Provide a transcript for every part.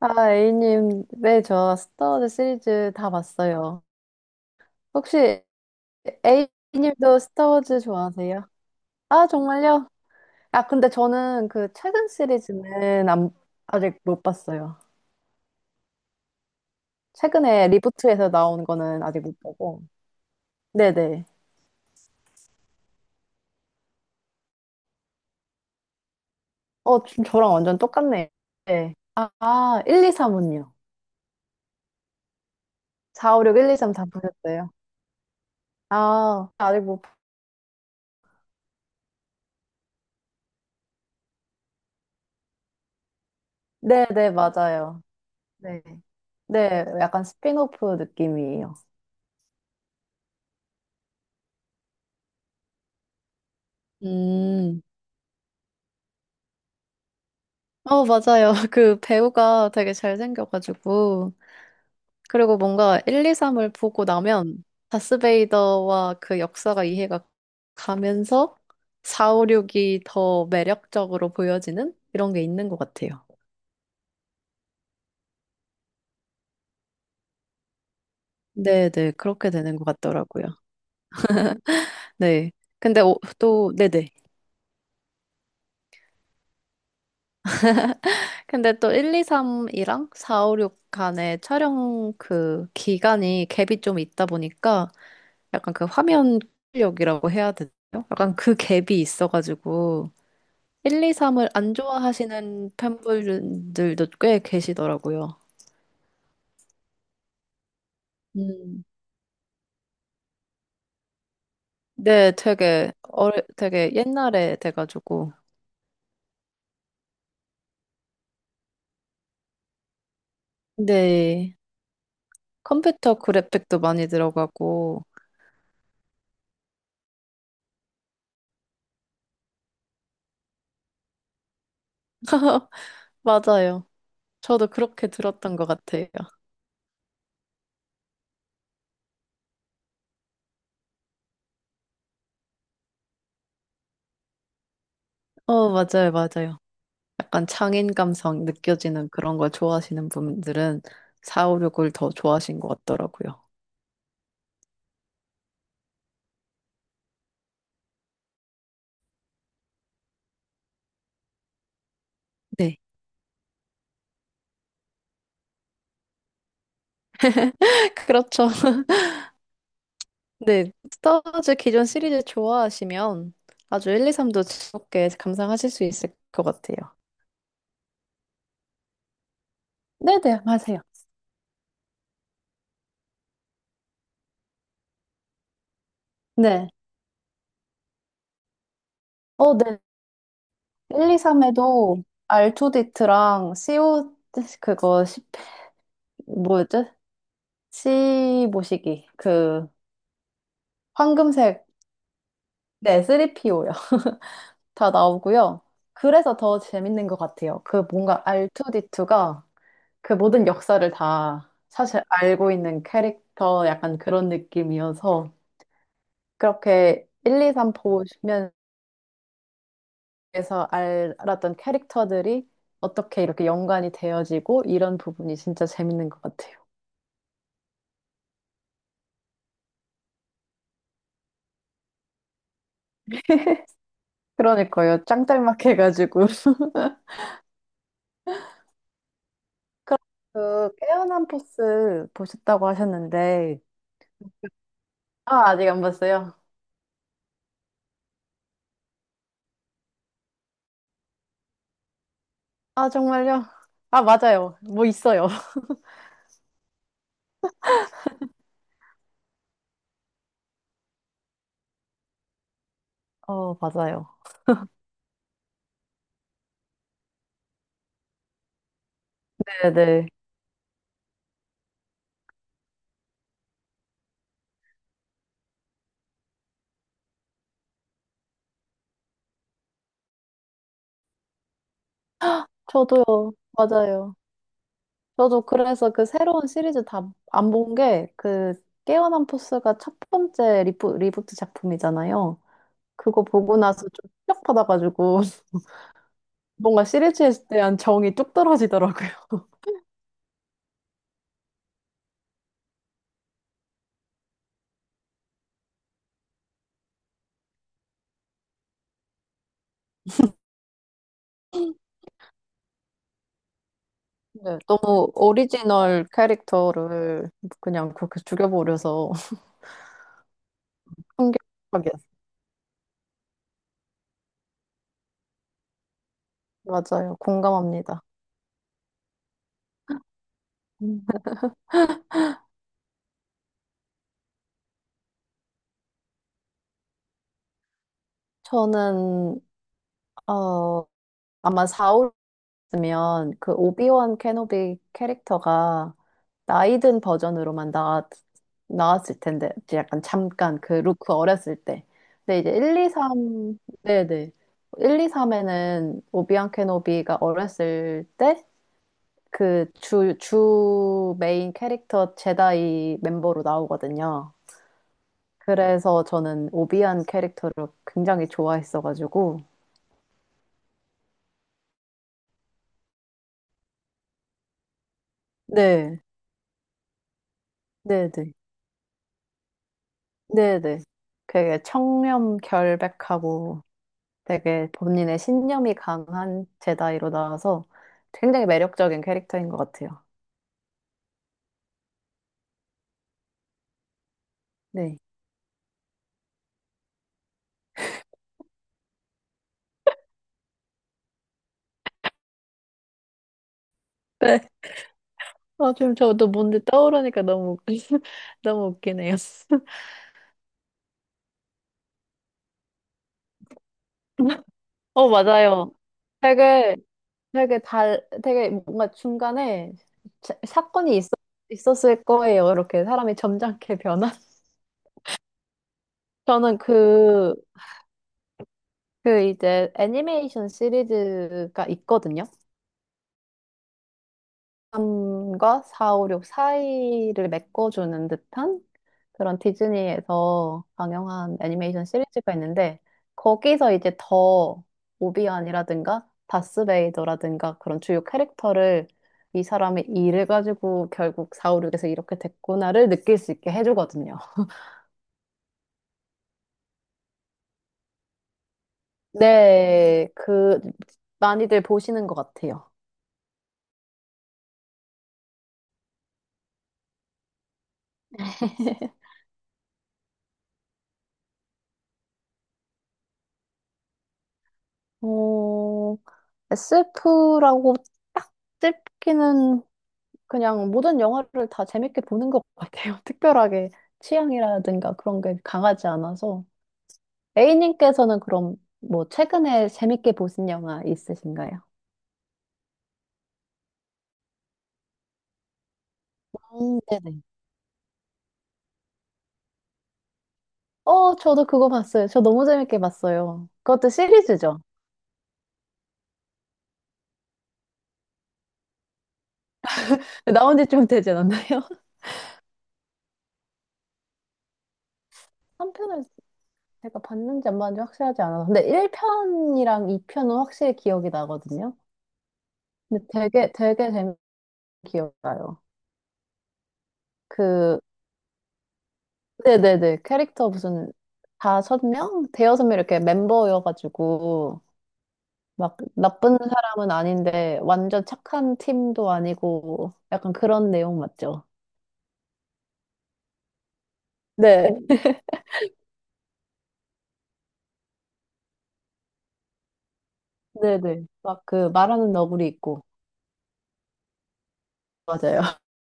아, A님, 네, 저 스타워즈 시리즈 다 봤어요. 혹시 A님도 스타워즈 좋아하세요? 아, 정말요? 아, 근데 저는 그 최근 시리즈는 아직 못 봤어요. 최근에 리부트에서 나온 거는 아직 못 보고. 네네. 어, 좀 저랑 완전 똑같네. 네. 1, 2, 3은요? 4, 5, 6, 1, 2, 3 다 보셨어요? 아, 아직 못, 네네, 맞아요. 네. 네, 약간 스핀오프 느낌이에요. 음. 어, 맞아요. 그 배우가 되게 잘생겨가지고. 그리고 뭔가 1, 2, 3을 보고 나면 다스베이더와 그 역사가 이해가 가면서 4, 5, 6이 더 매력적으로 보여지는 이런 게 있는 것 같아요. 네네. 그렇게 되는 것 같더라고요. 네. 근데 또, 네네. 근데 또 1, 2, 3이랑 4, 5, 6 간의 촬영 그 기간이 갭이 좀 있다 보니까 약간 그 화면 출력이라고 해야 되나요? 약간 그 갭이 있어가지고 1, 2, 3을 안 좋아하시는 팬분들도 꽤 계시더라고요. 음. 네, 되게 옛날에 돼가지고. 네, 컴퓨터 그래픽도 많이 들어가고. 맞아요. 저도 그렇게 들었던 것 같아요. 어, 맞아요, 맞아요. 약간 창인 감성 느껴지는 그런 걸 좋아하시는 분들은 456을 더 좋아하신 것 같더라고요. 네. 그렇죠. 네. 스타워즈 기존 시리즈 좋아하시면 아주 1, 2, 3도 즐겁게 감상하실 수 있을 것 같아요. 네네, 맞아요. 네. 어, 네. 1, 2, 3에도 R2D2랑 c 오 그거, 1 뭐였지? C 모시기. 그, 황금색. 네, 3PO요. 다 나오고요. 그래서 더 재밌는 것 같아요. 그 뭔가 R2D2가 그 모든 역사를 다 사실 알고 있는 캐릭터 약간 그런 느낌이어서 그렇게 1, 2, 3 보시면서 알았던 캐릭터들이 어떻게 이렇게 연관이 되어지고 이런 부분이 진짜 재밌는 것 같아요. 그러니까요. 짱짤막해가지고. 그 깨어난 포스 보셨다고 하셨는데 아 아직 안 봤어요. 아 정말요? 아 맞아요. 뭐 있어요. 어, 맞아요. 네네. 저도요. 맞아요. 저도 그래서 그 새로운 시리즈 다 안 본 게 그 깨어난 포스가 첫 번째 리부트 작품이잖아요. 그거 보고 나서 좀 충격받아가지고 뭔가 시리즈에 대한 정이 뚝 떨어지더라고요. 네, 너무 오리지널 캐릭터를 그냥 그렇게 죽여버려서 충격하게. 맞아요. 공감합니다. 음. 저는 어, 아마 4, 으면 그 오비원 케노비 캐릭터가 나이 든 버전으로만 나왔을 텐데 이제 약간 잠깐 그 루크 어렸을 때 근데 이제 1, 2, 3 네네 1, 2, 3에는 오비원 케노비가 어렸을 때 그 주 메인 캐릭터 제다이 멤버로 나오거든요. 그래서 저는 오비안 캐릭터를 굉장히 좋아했어가지고 네 네네 네네. 되게 청렴 결백하고 되게 본인의 신념이 강한 제다이로 나와서 굉장히 매력적인 캐릭터인 것 같아요. 네. 네. 아, 지금 저도 뭔데 떠오르니까 너무, 너무 웃기네요. 어, 맞아요. 되게 되게 달 되게 뭔가 중간에 사건이 있었을 거예요. 이렇게 사람이 점잖게 변한. 저는 그 이제 애니메이션 시리즈가 있거든요. 3과 4, 5, 6 사이를 메꿔주는 듯한 그런 디즈니에서 방영한 애니메이션 시리즈가 있는데 거기서 이제 더 오비안이라든가 다스베이더라든가 그런 주요 캐릭터를 이 사람의 일을 가지고 결국 4, 5, 6에서 이렇게 됐구나를 느낄 수 있게 해주거든요. 네, 그 많이들 보시는 것 같아요. 어, SF라고 딱 찝기는 그냥 모든 영화를 다 재밌게 보는 것 같아요. 특별하게 취향이라든가 그런 게 강하지 않아서. A님께서는 그럼 뭐 최근에 재밌게 보신 영화 있으신가요? 네네. 어, 저도 그거 봤어요. 저 너무 재밌게 봤어요. 그것도 시리즈죠. 나온 지 좀 되지 않았나요? 3편을 제가 봤는지 안 봤는지 확실하지 않아서. 근데 1편이랑 2편은 확실히 기억이 나거든요. 근데 되게 재밌게 기억나요. 그, 네네네. 캐릭터 무슨 다섯 명? 대여섯 명 이렇게 멤버여가지고, 막 나쁜 사람은 아닌데, 완전 착한 팀도 아니고, 약간 그런 내용 맞죠? 네. 네네. 막 그 말하는 너구리 있고. 맞아요.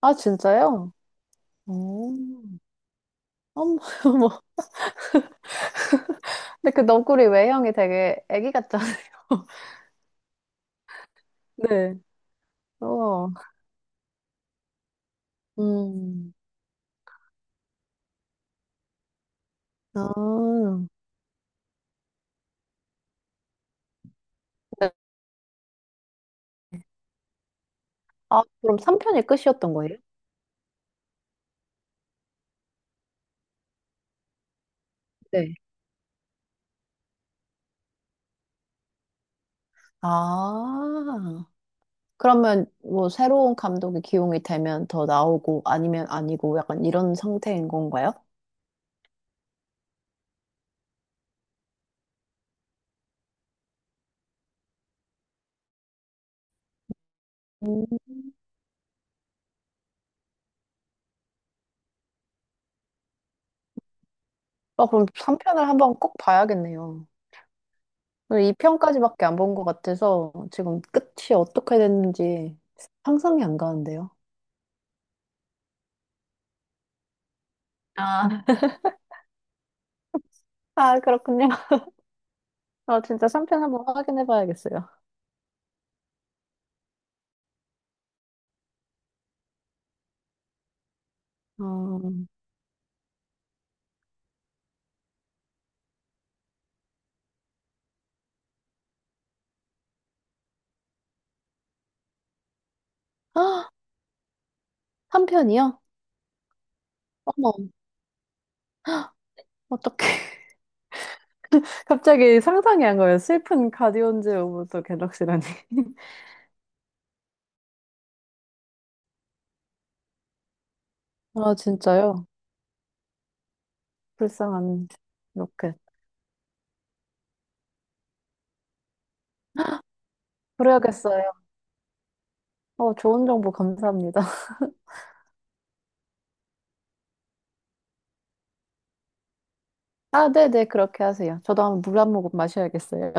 아, 진짜요? 오. 뭐. 근데 그 너구리 외형이 되게 애기 같잖아요. 네. 어. 음. 아. 네. 아, 그럼 3편이 끝이었던 거예요? 네. 아. 그러면 뭐 새로운 감독이 기용이 되면 더 나오고 아니면 아니고 약간 이런 상태인 건가요? 음. 아, 그럼 3편을 한번 꼭 봐야겠네요. 2편까지밖에 안 본 것 같아서 지금 끝이 어떻게 됐는지 상상이 안 가는데요. 아, 그렇군요. 아, 진짜 3편 한번 확인해 봐야겠어요. 어... 아, 3편이요? 어머, 어떡해. 갑자기 상상이 안 가요. 슬픈 가디언즈 오브 더 갤럭시라니. 아, 진짜요? 불쌍한 로켓. 그래야겠어요. 어, 좋은 정보 감사합니다. 아, 네네, 그렇게 하세요. 저도 한번 물 한 모금 마셔야겠어요.